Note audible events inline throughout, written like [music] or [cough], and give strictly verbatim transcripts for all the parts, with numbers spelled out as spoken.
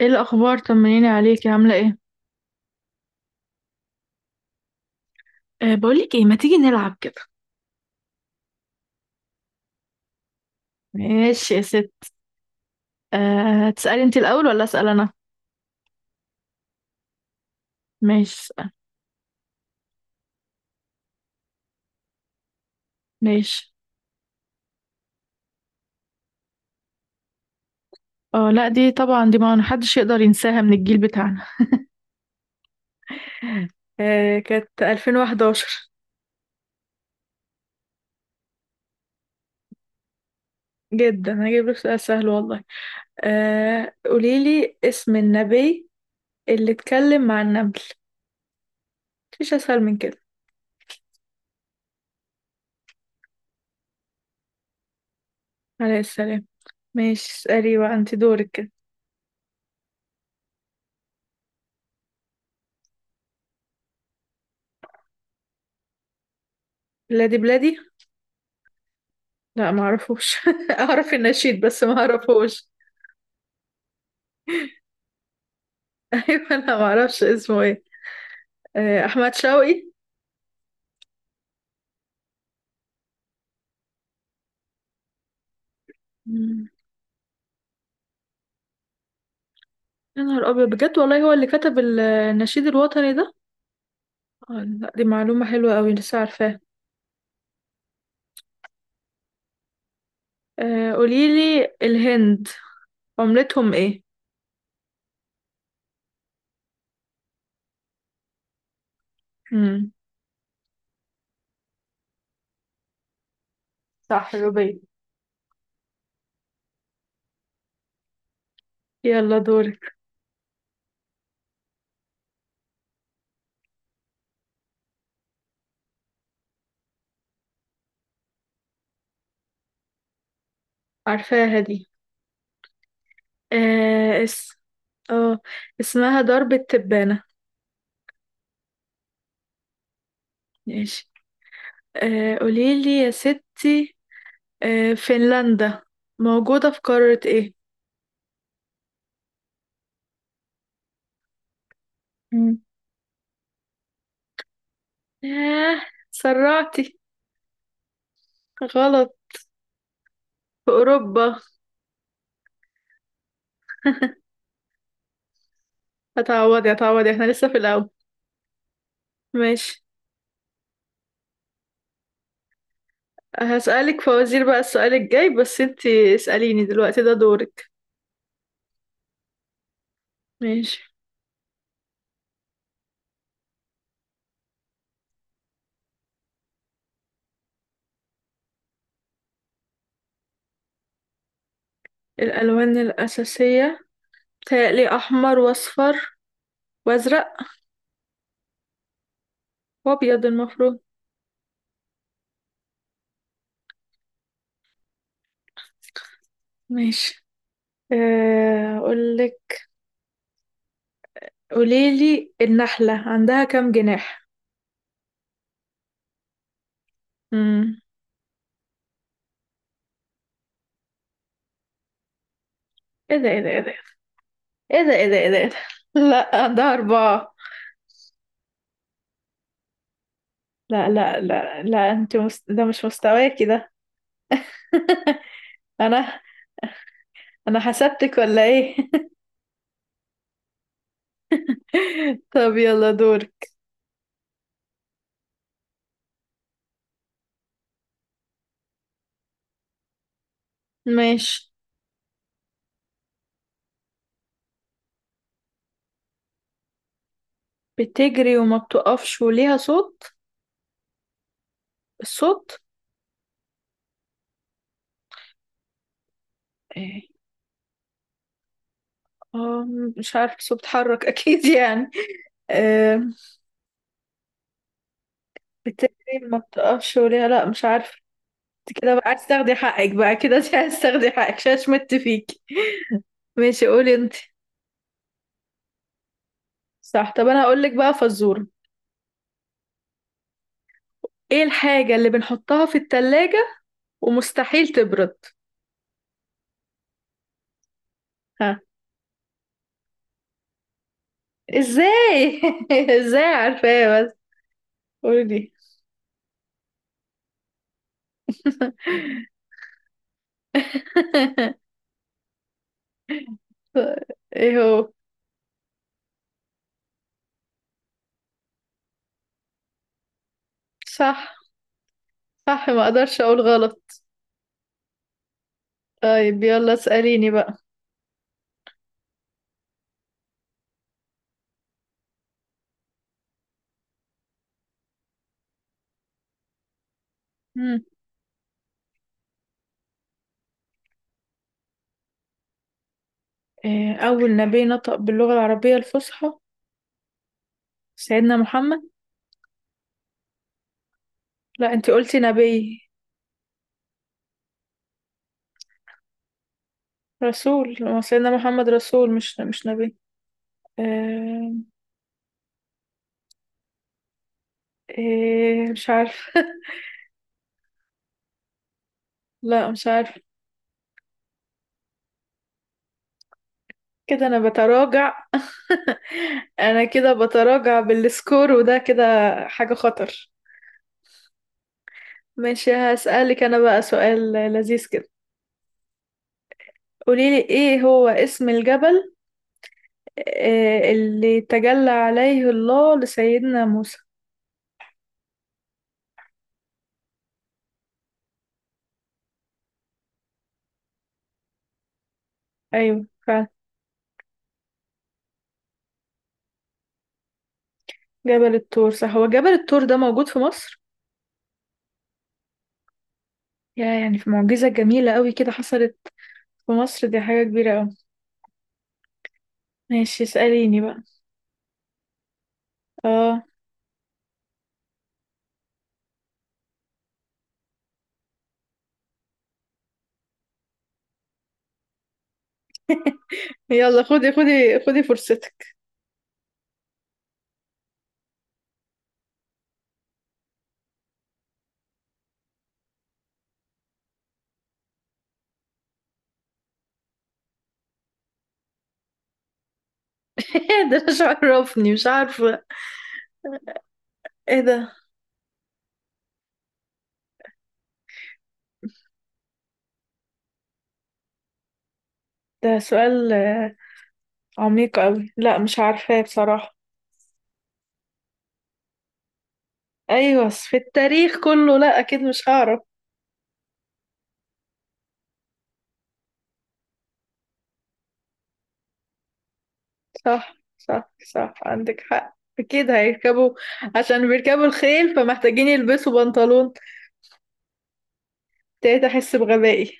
ايه الاخبار؟ طمنيني عليكي، عامله ايه؟ أه بقولك ايه، ما تيجي نلعب كده؟ ماشي يا ست. أه تسالي انت الاول ولا اسال انا؟ ماشي، اسال. ماشي. اه لا، دي طبعا، دي ما حدش يقدر ينساها من الجيل بتاعنا. [laughs] أه كانت ألفين وحداشر. جدا هجيب لك سؤال سهل والله. أه قولي لي اسم النبي اللي اتكلم مع النمل. مفيش اسهل من كده. عليه السلام. ماشي، اسالي بقى، انت دورك كده. بلادي بلادي. لا، ما اعرفوش. [laughs] اعرف النشيد بس ما اعرفوش. [laughs] ايوه، انا ما اعرفش اسمه ايه. آه، احمد شوقي. مم. يا نهار أبيض، بجد والله هو اللي كتب ال- النشيد الوطني ده. آه، لا، دي معلومة حلوة أوي لسه عارفاها. آه، قوليلي، الهند عملتهم إيه؟ مم. صح، روبي. يلا، دورك. عارفاها دي. آه اس اه، اسمها درب التبانة. ماشي. آه قوليلي يا ستي، آه فنلندا موجودة في قارة ايه؟ مم. ياه، سرعتي. غلط. في أوروبا. هتعوضي هتعوضي، احنا لسه في الأول. ماشي، هسألك فوازير بقى السؤال الجاي، بس انتي اسأليني دلوقتي، ده دورك. ماشي. الألوان الأساسية؟ بتهيألي أحمر وأصفر وأزرق وأبيض المفروض. ماشي. آه، أقولك. قوليلي، النحلة عندها كام جناح؟ مم. ايه ده، ايه ده، ايه ده، ايه ده، ايه ده، ايه ده، إيه ده؟ [laughs] لا، عندها أربعة. لا لا لا لا، انت مست... ده مش مستواكي ده. [laughs] انا انا حسبتك ولا ايه؟ [laughs] طب، يلا دورك. ماشي. بتجري وما بتقفش وليها صوت؟ الصوت. ايه؟ اه، مش عارف، صوت بتحرك، [laughs] اكيد يعني. آه. بتجري وما بتقفش وليها، لا مش عارف. انت كده بقى عايز تاخدي حقك بقى كده، انت عايز تاخدي حقك ششمت فيكي. ماشي، قولي انت. صح. طب انا هقول لك بقى فزورة. ايه الحاجة اللي بنحطها في التلاجة ومستحيل تبرد؟ ها؟ ازاي؟ [laughs] ازاي عارفاه بس؟ قولي. [laughs] ايه هو؟ صح، صح، ما اقدرش اقول غلط. طيب، يلا اسأليني بقى. مم. إيه اول نبي نطق باللغة العربية الفصحى؟ سيدنا محمد. لا، انتي قلتي نبي. رسول، ما سيدنا محمد رسول، مش مش نبي. إيه؟ إيه، مش عارف. [laughs] لا، مش عارف. كده انا بتراجع. [laughs] انا كده بتراجع بالسكور وده كده، حاجة خطر. ماشي، هسألك انا بقى سؤال لذيذ كده. قوليلي، ايه هو اسم الجبل آه، اللي تجلى عليه الله لسيدنا موسى؟ ايوه، فعلا. جبل الطور، صح، هو جبل الطور ده موجود في مصر؟ يا يعني في معجزة جميلة قوي كده حصلت في مصر، دي حاجة كبيرة قوي. ماشي، اسأليني بقى. اه. يلا، خدي خدي خدي فرصتك. [laughs] إيه ده، مش عرفني، مش عارفة. ايه ده؟ ده سؤال آه، عميق قوي. لا، مش عارفاه بصراحة. ايوه، بس في التاريخ كله، لا اكيد مش هعرف. صح صح صح، عندك حق، أكيد هيركبوا. عشان بيركبوا الخيل فمحتاجين يلبسوا بنطلون. ابتديت أحس بغبائي.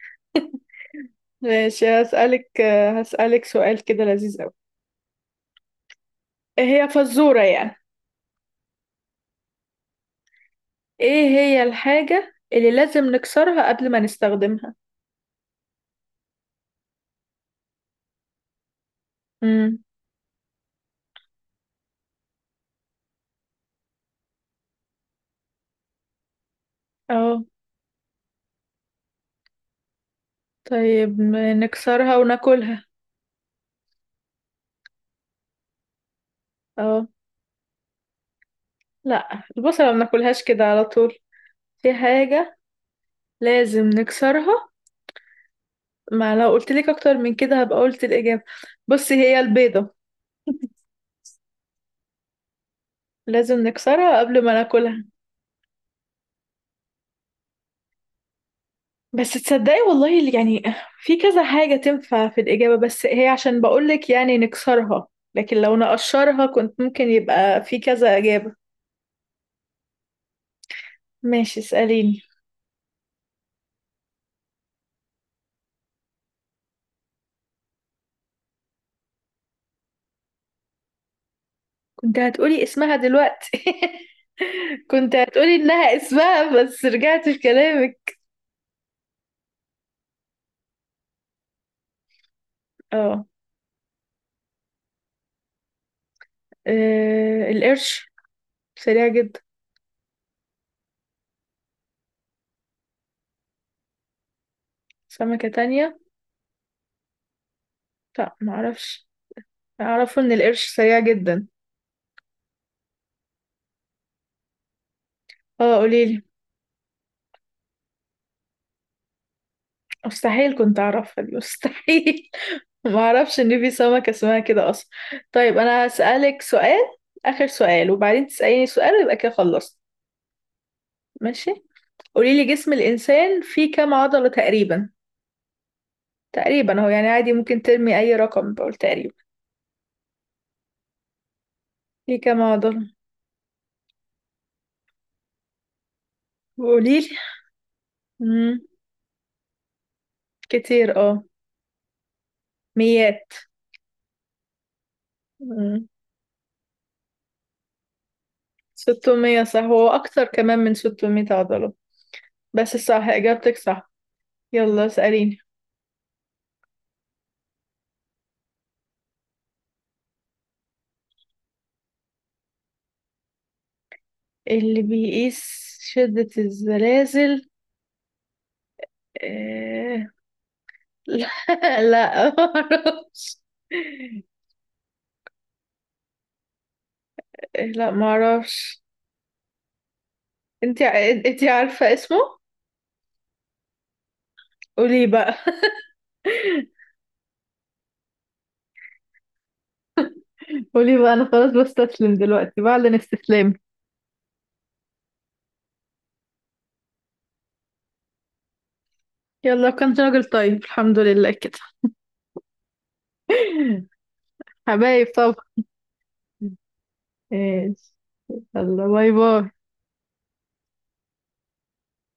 ماشي، هسألك هسألك سؤال كده لذيذ أوي. إيه هي فزورة يعني؟ إيه هي الحاجة اللي لازم نكسرها قبل ما نستخدمها؟ امم. اه. طيب، م- نكسرها وناكلها. اه. لا، البصلة ما بناكلهاش كده على طول، في حاجة لازم نكسرها. ما لو قلت لك اكتر من كده هبقى قلت الإجابة. بصي، هي البيضة. لازم نكسرها قبل ما ناكلها. بس تصدقي والله، اللي يعني في كذا حاجة تنفع في الإجابة، بس هي عشان بقولك يعني نكسرها، لكن لو نقشرها كنت ممكن يبقى في كذا إجابة. ماشي، اسأليني. كنت هتقولي اسمها دلوقتي. [laughs] كنت هتقولي إنها اسمها بس رجعت في كلامك. اه. آه، القرش سريع جدا. سمكة تانية؟ لا، معرفش. أعرفه إن القرش سريع جدا. اه، قوليلي. مستحيل، كنت اعرفها دي؟ مستحيل. [laughs] ما اعرفش ان في سمكة اسمها كده اصلا. طيب، انا هسألك سؤال، اخر سؤال، وبعدين تسأليني سؤال ويبقى كده خلصت. ماشي. قولي لي، جسم الانسان فيه كام عضلة تقريبا؟ تقريبا، هو يعني عادي، ممكن ترمي اي رقم، بقول تقريبا. فيه كام عضلة؟ قولي لي. مم. كتير، اه. ميات، مم. ستمية؟ صح، هو اكتر كمان من ستمية عضلة. بس صح، اجابتك صح. يلا، اسأليني. اللي بيقيس شدة الزلازل؟ آه... [laughs] لا. لا، معرفش. لا، معرفش. انت انت عارفة اسمه. قولي بقى. [laughs] قولي بقى، انا خلاص بستسلم دلوقتي، بعلن استسلامي. يلا، كان راجل طيب، الحمد لله كده. [laughs] حبايب طبعا. ماشي. يلا، باي باي.